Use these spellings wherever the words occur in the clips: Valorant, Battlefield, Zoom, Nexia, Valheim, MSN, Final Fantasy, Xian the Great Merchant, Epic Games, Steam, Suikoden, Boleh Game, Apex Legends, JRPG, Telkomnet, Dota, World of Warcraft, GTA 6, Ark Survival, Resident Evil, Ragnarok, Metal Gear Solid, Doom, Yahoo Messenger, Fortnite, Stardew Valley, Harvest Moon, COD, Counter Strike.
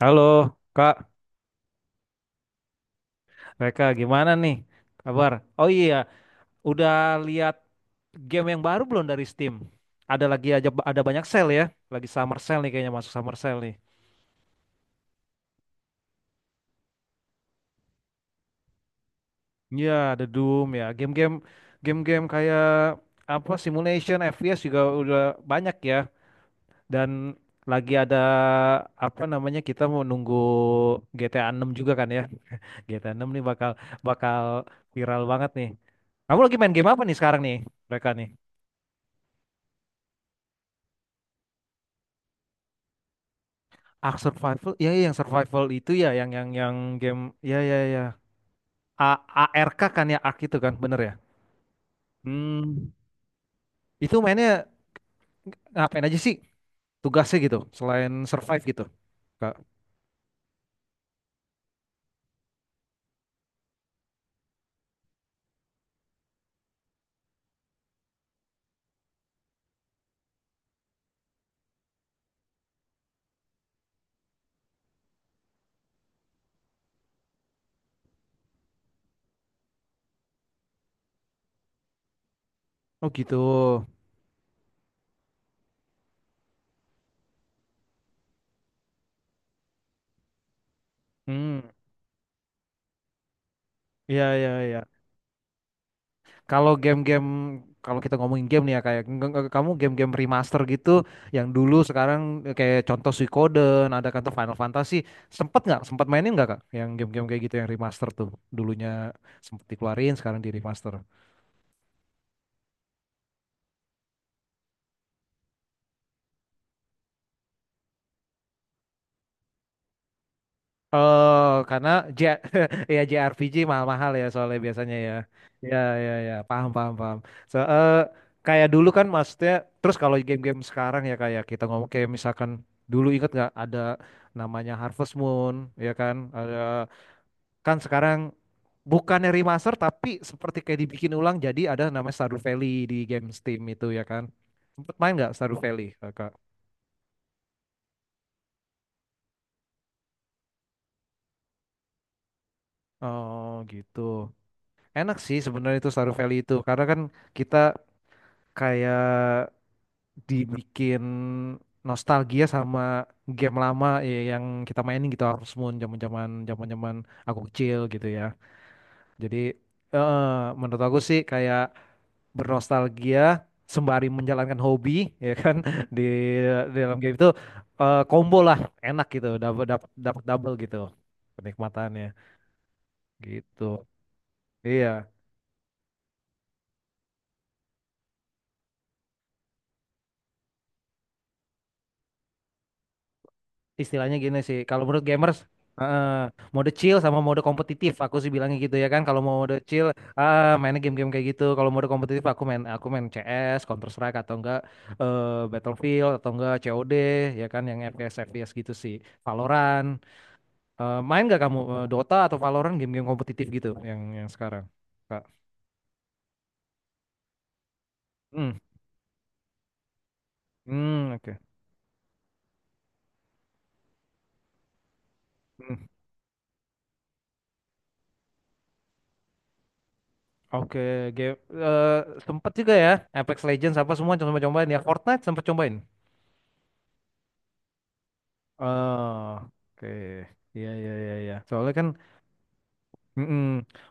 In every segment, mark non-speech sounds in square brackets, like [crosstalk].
Halo, Kak Reka, gimana nih kabar? Oh iya, udah lihat game yang baru belum dari Steam? Ada lagi aja ada banyak sale ya, lagi summer sale nih kayaknya masuk summer sale nih. Iya, ada Doom ya, game-game kayak apa simulation FPS juga udah banyak ya dan lagi ada apa namanya kita mau nunggu GTA 6 juga kan ya. [laughs] GTA 6 nih bakal bakal viral banget nih. Kamu lagi main game apa nih sekarang nih, mereka nih? Ark Survival ya ya, yang survival itu ya yang game ya ya ya A ARK kan ya Ark itu kan bener ya. hmm itu mainnya ngapain aja sih tugasnya gitu selain survive gitu, Kak. Oh gitu. Hmm, ya ya ya. Kalau game-game Kalau kita ngomongin game nih ya kayak kamu game-game remaster gitu yang dulu sekarang, kayak contoh Suikoden ada kata Final Fantasy, sempet nggak sempat mainin nggak kak yang game-game kayak gitu yang remaster tuh dulunya sempet dikeluarin sekarang di remaster. Oh, karena J [laughs] ya JRPG mahal-mahal ya soalnya biasanya ya. Ya ya ya, paham paham paham. So, kayak dulu kan maksudnya terus kalau game-game sekarang ya kayak kita ngomong kayak misalkan dulu ingat nggak ada namanya Harvest Moon ya kan? Ada kan sekarang bukannya remaster tapi seperti kayak dibikin ulang jadi ada namanya Stardew Valley di game Steam itu ya kan? Sempet main nggak Stardew Valley, Kakak? Oh gitu. Enak sih sebenarnya itu Stardew Valley itu karena kan kita kayak dibikin nostalgia sama game lama ya, yang kita mainin gitu harus Moon zaman-zaman aku kecil gitu ya. Jadi, eh, menurut aku sih kayak bernostalgia sembari menjalankan hobi ya kan, [laughs] di, di dalam game itu, combo lah, enak gitu dapat dapat double gitu kenikmatannya gitu. Iya. Istilahnya gini sih, kalau menurut gamers, eh, mode chill sama mode kompetitif, aku sih bilangnya gitu ya kan. Kalau mau mode chill, ah, mainnya game-game kayak gitu. Kalau mode kompetitif, aku main CS, Counter Strike atau enggak, eh, Battlefield atau enggak COD ya kan, yang FPS FPS gitu sih. Valorant, main nggak kamu, Dota atau Valorant, game-game kompetitif gitu yang sekarang? Kak. Hmm, hmm, oke. Hmm, oke, game eh, sempet juga ya Apex Legends apa semua coba cobain ya Fortnite sempat cobain. Oh, oke. Iya, iya, iya, iya. Soalnya kan, mm-mm,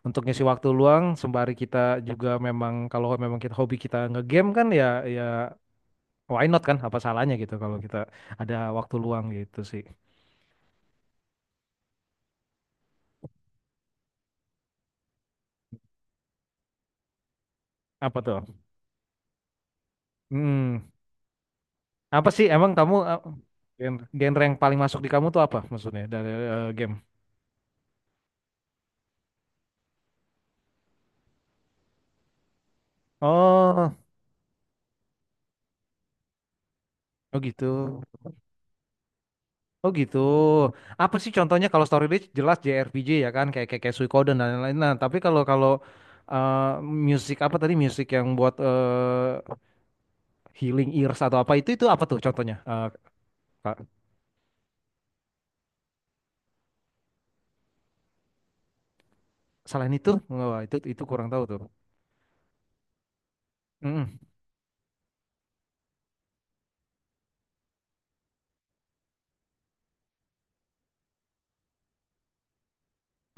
untuk ngisi waktu luang sembari kita juga memang kalau memang kita hobi kita ngegame kan ya, ya why not kan? Apa salahnya gitu kalau kita ada waktu luang gitu sih. Apa tuh? Mm, Apa sih emang kamu, genre yang paling masuk di kamu tuh apa maksudnya dari, game? Oh, oh gitu. Oh gitu. Apa sih contohnya kalau story rich jelas JRPG ya kan kayak, kayak Suikoden dan lain-lain. Nah, tapi kalau kalau eh musik apa tadi, musik yang buat healing ears atau apa itu apa tuh contohnya? Kak, selain itu, wah, itu kurang tahu tuh. Mm-mm.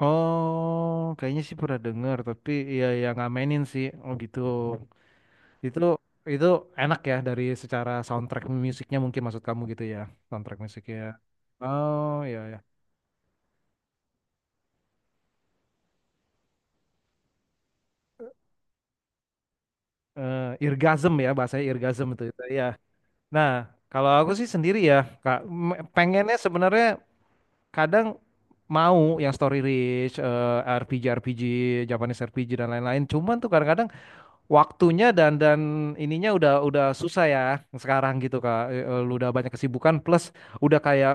Oh, kayaknya sih pernah dengar tapi ya nggak mainin sih. Oh gitu. Itu itu enak ya dari secara soundtrack musiknya mungkin maksud kamu gitu ya, soundtrack musiknya. Oh, ya irgasm ya, bahasanya irgasm itu ya. Nah, kalau aku sih sendiri ya, Kak, pengennya sebenarnya kadang mau yang story rich, RPG RPG, Japanese RPG dan lain-lain. Cuman tuh kadang-kadang waktunya dan ininya udah susah ya sekarang gitu, Kak. Lu udah banyak kesibukan plus udah kayak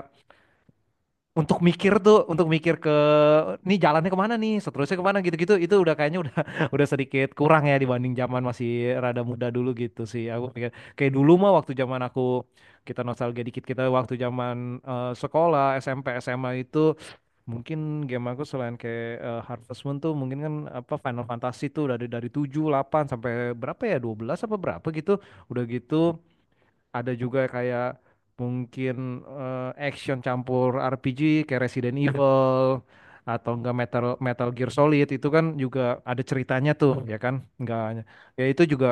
untuk mikir tuh, untuk mikir ke nih jalannya kemana nih seterusnya kemana gitu-gitu itu udah kayaknya udah [laughs] udah sedikit kurang ya dibanding zaman masih rada muda dulu gitu sih, aku pikir kayak dulu mah waktu zaman aku kita nostalgia dikit kita waktu zaman, sekolah SMP SMA itu mungkin game aku selain kayak, Harvest Moon tuh mungkin kan apa Final Fantasy tuh dari 7, 8 sampai berapa ya, 12 apa berapa gitu udah gitu ada juga kayak mungkin, action campur RPG kayak Resident Evil atau enggak Metal Metal Gear Solid itu kan juga ada ceritanya tuh ya kan enggak ya itu juga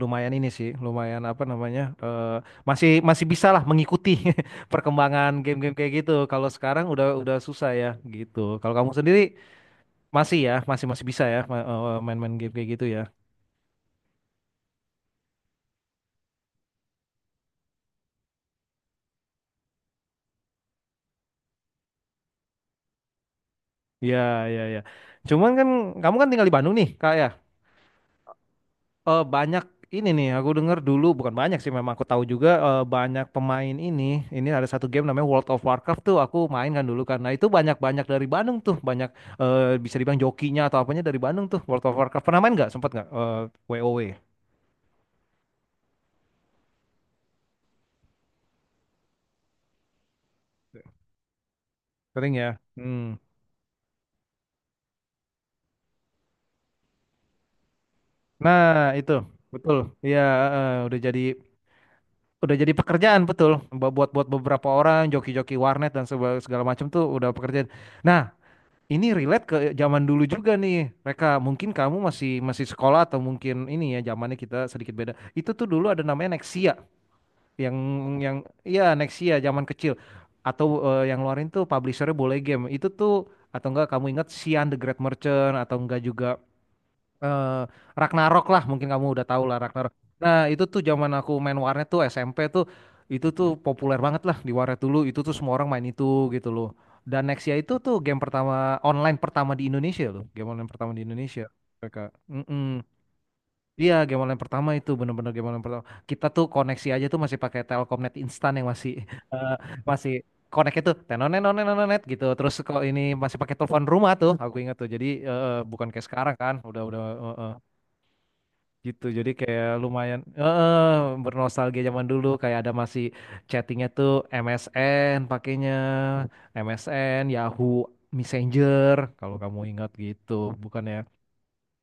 lumayan ini sih lumayan apa namanya, masih masih bisa lah mengikuti [laughs] perkembangan game-game kayak gitu kalau sekarang udah susah ya gitu kalau kamu sendiri masih ya masih masih bisa ya, main-main game kayak gitu ya ya ya ya cuman kan kamu kan tinggal di Bandung nih kak ya, banyak ini nih aku denger dulu bukan banyak sih memang aku tahu juga, banyak pemain ini ada satu game namanya World of Warcraft tuh aku main kan dulu karena itu banyak-banyak dari Bandung tuh banyak, bisa dibilang jokinya atau apanya dari Bandung tuh World of Warcraft pernah main nggak sempat nggak, WoW sering ya. Hmm. Nah itu betul ya, eh, udah jadi udah jadi pekerjaan betul buat buat buat beberapa orang joki-joki warnet dan segala macam tuh udah pekerjaan. Nah ini relate ke zaman dulu juga nih, Reka. Mungkin kamu masih masih sekolah atau mungkin ini ya zamannya kita sedikit beda. Itu tuh dulu ada namanya Nexia, yang yang iya Nexia zaman kecil atau, yang luarin tuh publishernya Boleh Game. Itu tuh atau enggak kamu ingat Xian the Great Merchant atau enggak juga, eh, Ragnarok lah mungkin kamu udah tahu lah Ragnarok. Nah itu tuh zaman aku main warnet tuh SMP tuh itu tuh populer banget lah di warnet dulu itu tuh semua orang main itu gitu loh. Dan Nexia itu tuh game pertama online pertama di Indonesia loh, game online pertama di Indonesia mereka. Mm-mm. Iya game online pertama itu bener-bener game online pertama. Kita tuh koneksi aja tuh masih pakai Telkomnet instan yang masih [laughs] eh, masih connect itu tenonet tenonet gitu terus kok ini masih pakai telepon rumah tuh aku ingat tuh jadi, bukan kayak sekarang kan udah eh, eh gitu jadi kayak lumayan bernostalgia zaman dulu kayak ada masih chattingnya tuh MSN pakainya MSN Yahoo Messenger kalau kamu ingat gitu bukan ya.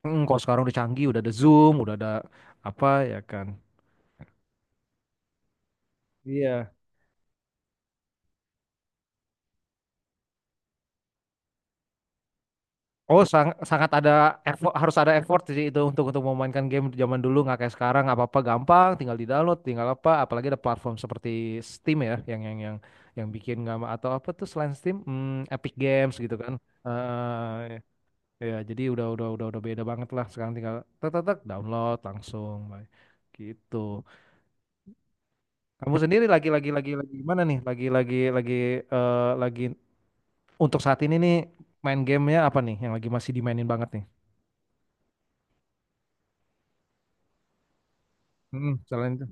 Kalau sekarang udah canggih udah ada Zoom udah ada apa ya kan. Iya. Oh, sangat ada effort, harus ada effort sih itu untuk memainkan game zaman dulu nggak kayak sekarang apa-apa gampang, tinggal di-download, tinggal apa, apalagi ada platform seperti Steam ya yang bikin nggak atau apa tuh selain Steam, Epic Games gitu kan. Ya jadi udah beda banget lah sekarang tinggal tek tek tek, download langsung Bay. Gitu. Kamu sendiri lagi gimana nih? Lagi untuk saat ini nih main gamenya apa nih yang lagi masih dimainin banget nih? Hmm, selain itu.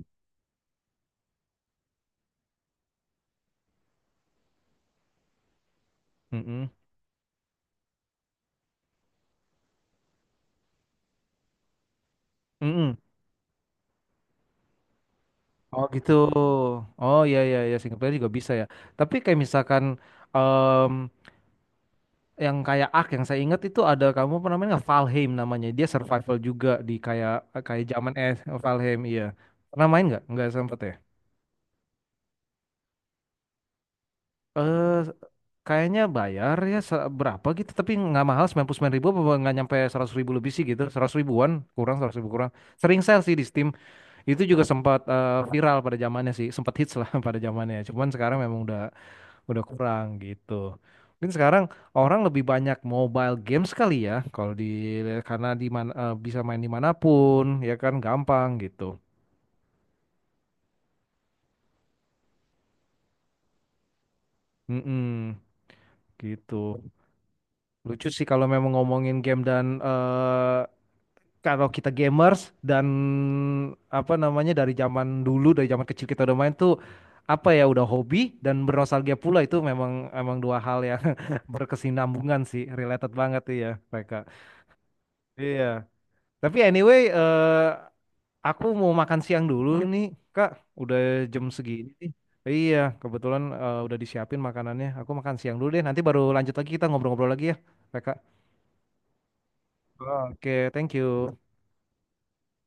Mm-mm. Mm-mm. Oh gitu. Oh ya ya ya single player juga bisa ya. Tapi kayak misalkan, em, yang kayak Ark yang saya ingat itu ada kamu apa namanya nggak? Valheim namanya. Dia survival juga di kayak kayak zaman es. Valheim iya. Pernah main nggak? Nggak sempet ya. Eh kayaknya bayar ya berapa gitu tapi nggak mahal 99.000 apa nggak nyampe 100.000 lebih sih gitu 100.000-an kurang 100.000 kurang sering sale sih di Steam itu juga sempat, viral pada zamannya sih sempat hits lah [laughs] pada zamannya cuman sekarang memang udah kurang gitu. Mungkin sekarang orang lebih banyak mobile games kali ya, kalau di karena di mana, bisa main dimanapun, ya kan gampang gitu. Mm-mm, gitu. Lucu sih kalau memang ngomongin game dan, kalau kita gamers dan apa namanya dari zaman dulu, dari zaman kecil kita udah main tuh apa ya udah hobi dan bernostalgia pula itu memang emang dua hal yang [laughs] berkesinambungan sih, related banget iya, mereka. Iya. Tapi anyway, aku mau makan siang dulu nih, Kak. Udah jam segini nih. Iya, kebetulan, udah disiapin makanannya. Aku makan siang dulu deh. Nanti baru lanjut lagi kita ngobrol-ngobrol lagi ya, Kak. Oke, thank you.